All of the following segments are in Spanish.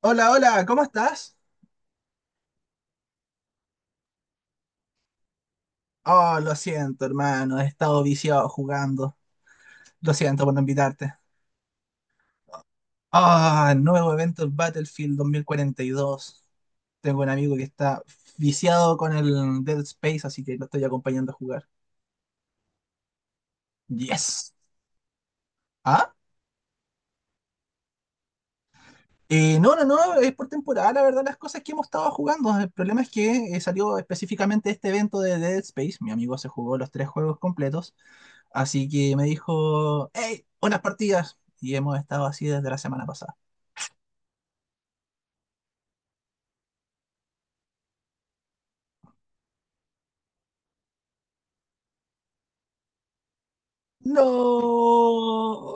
Hola, hola, ¿cómo estás? Oh, lo siento, hermano, he estado viciado jugando. Lo siento por no invitarte. Nuevo evento del Battlefield 2042. Tengo un amigo que está viciado con el Dead Space, así que lo estoy acompañando a jugar. Yes. ¿Ah? No, no, no, es por temporada, la verdad, las cosas que hemos estado jugando. El problema es que salió específicamente este evento de Dead Space. Mi amigo se jugó los tres juegos completos. Así que me dijo, hey, unas partidas. Y hemos estado así desde la semana pasada. No,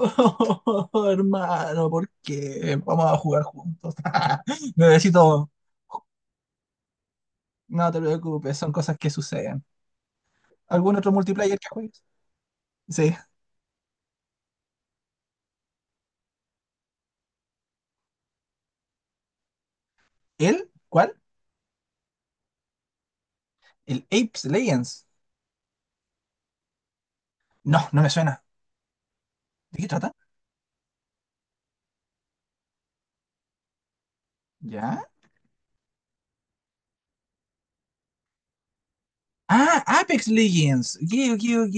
hermano, ¿por qué? Vamos a jugar juntos. Necesito... No te preocupes, son cosas que suceden. ¿Algún otro multiplayer que juegues? Sí. ¿El? ¿Cuál? ¿El Apex Legends? No, no me suena. ¿De qué trata? ¿Ya? Ah, Apex Legends. Ok, ok, ok.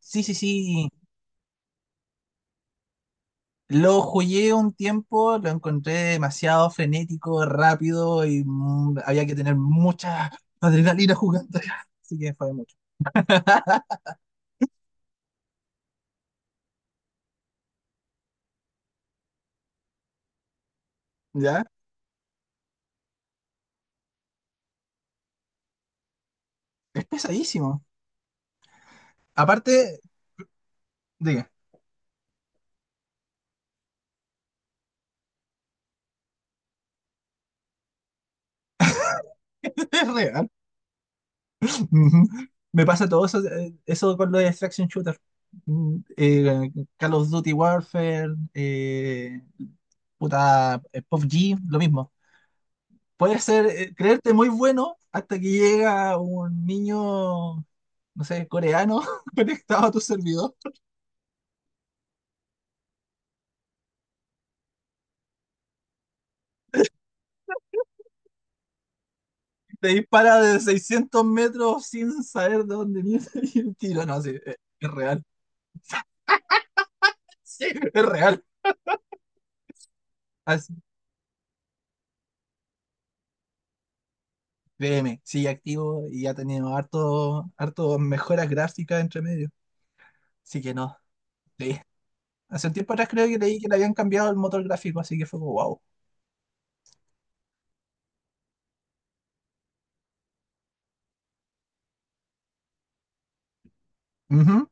Sí, sí, sí. Lo jugué un tiempo, lo encontré demasiado frenético, rápido y mm, había que tener mucha adrenalina jugando. Así que fue mucho. ¿Ya? Es pesadísimo. Aparte, diga, es real. Ujú. Me pasa todo eso, eso con los extraction shooter. Mm, eh, Call of Duty Warfare, eh, puta, PUBG, lo mismo. Puedes ser, creerte muy bueno hasta que llega un niño, no sé, coreano conectado a tu servidor. Te dispara de 600 metros sin saber de dónde viene el tiro. No, sí, es real. Sí, es real. Así, créeme, sigue activo y ha tenido harto, harto mejoras gráficas entre medio. Así que no, sí. Hace un tiempo atrás creo que leí que le habían cambiado el motor gráfico, así que fue como wow. Ujú.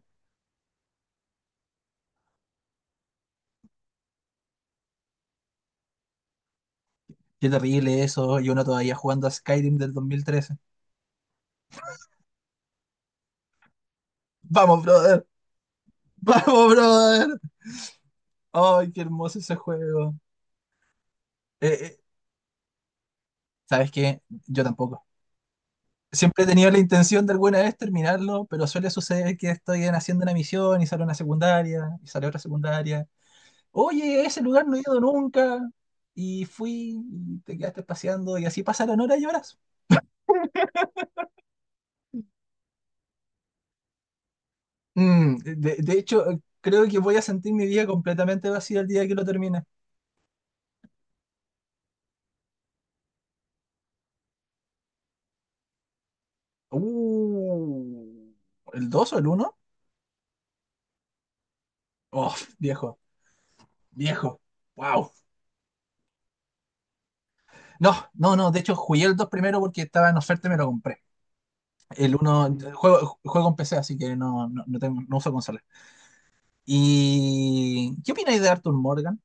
Qué terrible eso, y uno todavía jugando a Skyrim del 2013. Vamos, brother. Vamos, brother. Ay, qué hermoso ese juego. Eh, eh, ¿Sabes qué? Yo tampoco. Siempre he tenido la intención de alguna vez terminarlo, pero suele suceder que haciendo una misión y sale una secundaria, y sale otra secundaria. Oye, a ese lugar no he ido nunca. Y fui, y te quedaste paseando, y así pasaron horas y horas. Mm, de hecho, creo que voy a sentir mi vida completamente vacía el día que lo termine. Uh, ¿El 2 o el uno? Oh, viejo, viejo. Wow. No, no, no. De hecho, jugué el 2 primero porque estaba en oferta y me lo compré. El uno, juego en PC, así que no, no, no tengo, no uso consola. ¿Y qué opináis de Arthur Morgan?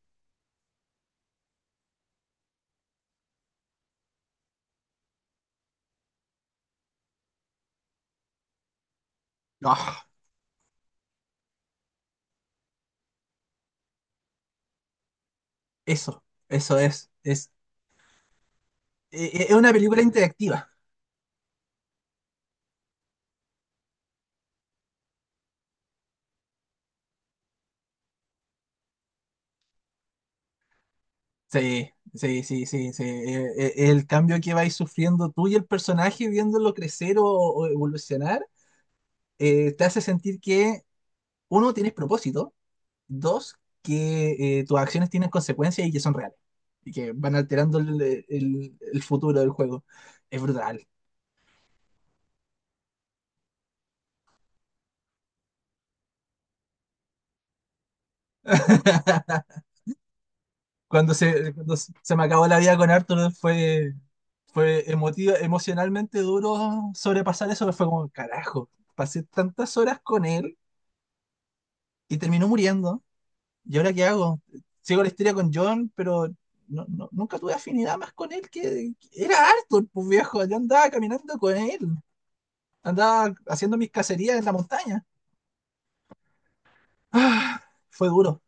Ah, eso, eso es. Es una película interactiva. Sí, sí, sí, sí, sí. El cambio que vais sufriendo tú y el personaje viéndolo crecer o evolucionar, te hace sentir que uno tienes propósito. Dos, que tus acciones tienen consecuencias y que son reales. Y que van alterando el futuro del juego. Es brutal. Cuando cuando se me acabó la vida con Arthur fue, fue emotivo, emocionalmente duro sobrepasar eso. Fue como, carajo, pasé tantas horas con él y terminó muriendo. ¿Y ahora qué hago? Sigo la historia con John, pero no, nunca tuve afinidad más con él que era Arthur, pues viejo. Yo andaba caminando con él. Andaba haciendo mis cacerías en la montaña. Ah, fue duro.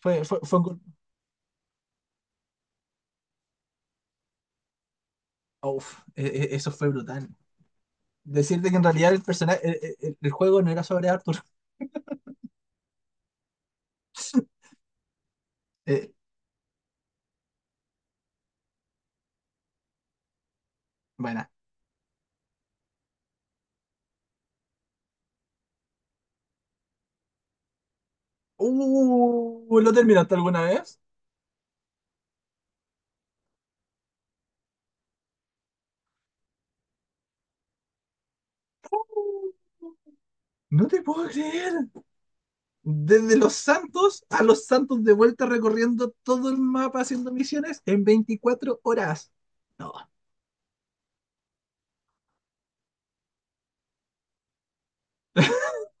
Fue un eso fue brutal. Decirte que en realidad el personaje, el juego no era sobre Arthur. Eh, buena. ¿Lo terminaste alguna vez? No te puedo creer. Desde Los Santos a Los Santos de vuelta recorriendo todo el mapa haciendo misiones en 24 horas. No.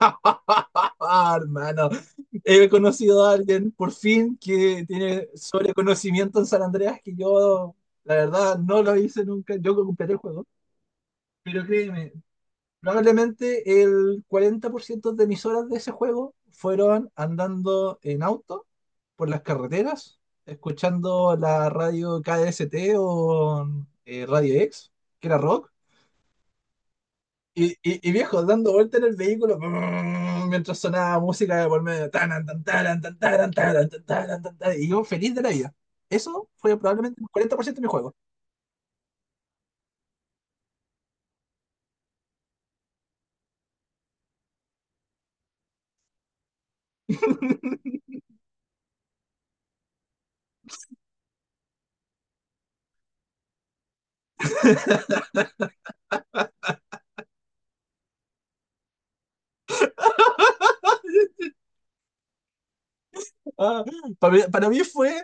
Hermano, he conocido a alguien por fin que tiene sobreconocimiento en San Andreas que yo, la verdad, no lo hice nunca. Yo completé el juego, pero créeme, probablemente el 40% de mis horas de ese juego fueron andando en auto por las carreteras, escuchando la radio KDST o Radio X, que era rock y viejo, dando vuelta en el vehículo brrr, mientras sonaba música de por medio. Taran, tan, taran, tan, taran, tan, taran, y yo feliz de la vida. Eso fue probablemente el 40% de mi juego. Ah, mí, para mí fue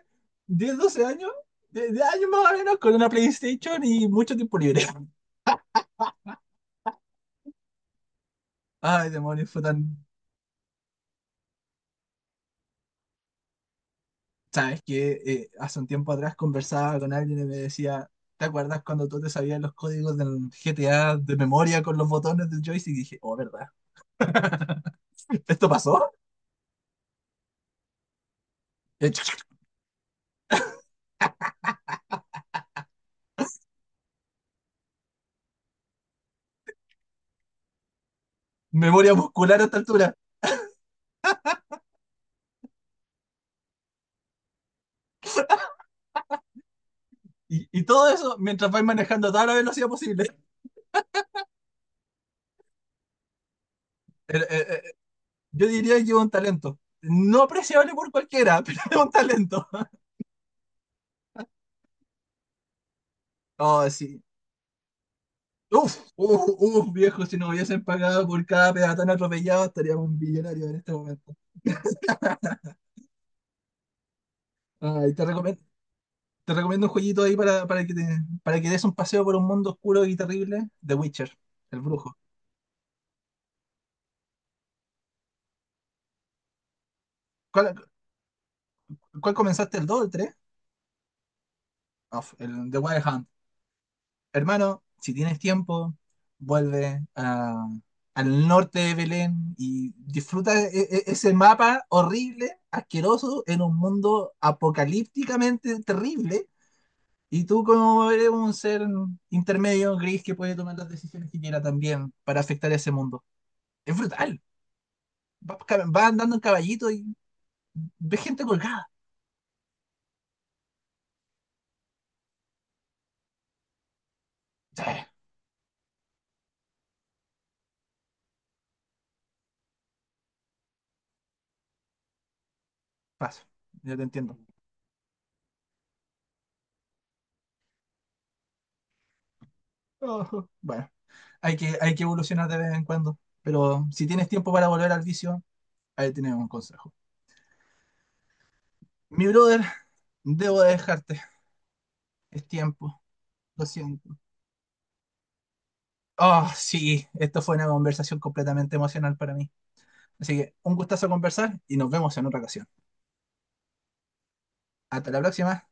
10 12 años, de años más o menos, con una PlayStation y mucho tiempo libre. Ay, demonios, fue tan... Sabes que hace un tiempo atrás conversaba con alguien y me decía, ¿te acuerdas cuando tú te sabías los códigos del GTA de memoria con los botones del joystick? Y dije, oh, ¿verdad? ¿Esto pasó? Eh, Memoria muscular a esta altura. Y todo eso mientras vais manejando a toda la velocidad posible. Eh, eh, eh, yo diría que es un talento. No apreciable por cualquiera, pero es un talento. Oh, sí. Uf, uf, uf, viejo, si nos hubiesen pagado por cada peatón atropellado, estaríamos millonarios en este momento. Ay, te recomiendo un jueguito ahí para, para que des un paseo por un mundo oscuro y terrible. The Witcher, el brujo. ¿Cuál, cuál comenzaste? ¿El 2 o el 3? El The Wild hermano, si tienes tiempo, vuelve a- al norte de Belén y disfruta ese mapa horrible, asqueroso, en un mundo apocalípticamente terrible. Y tú como eres un ser intermedio, gris, que puede tomar las decisiones que quiera también para afectar ese mundo. Es brutal. Vas andando en caballito y ves gente colgada. Sí, paso. Yo te entiendo. Ojo. Bueno, hay que evolucionar de vez en cuando. Pero si tienes tiempo para volver al vicio, ahí tienes un consejo. Mi brother, debo de dejarte. Es tiempo. Lo siento. Oh, sí, esto fue una conversación completamente emocional para mí. Así que un gustazo conversar y nos vemos en otra ocasión. Hasta la próxima.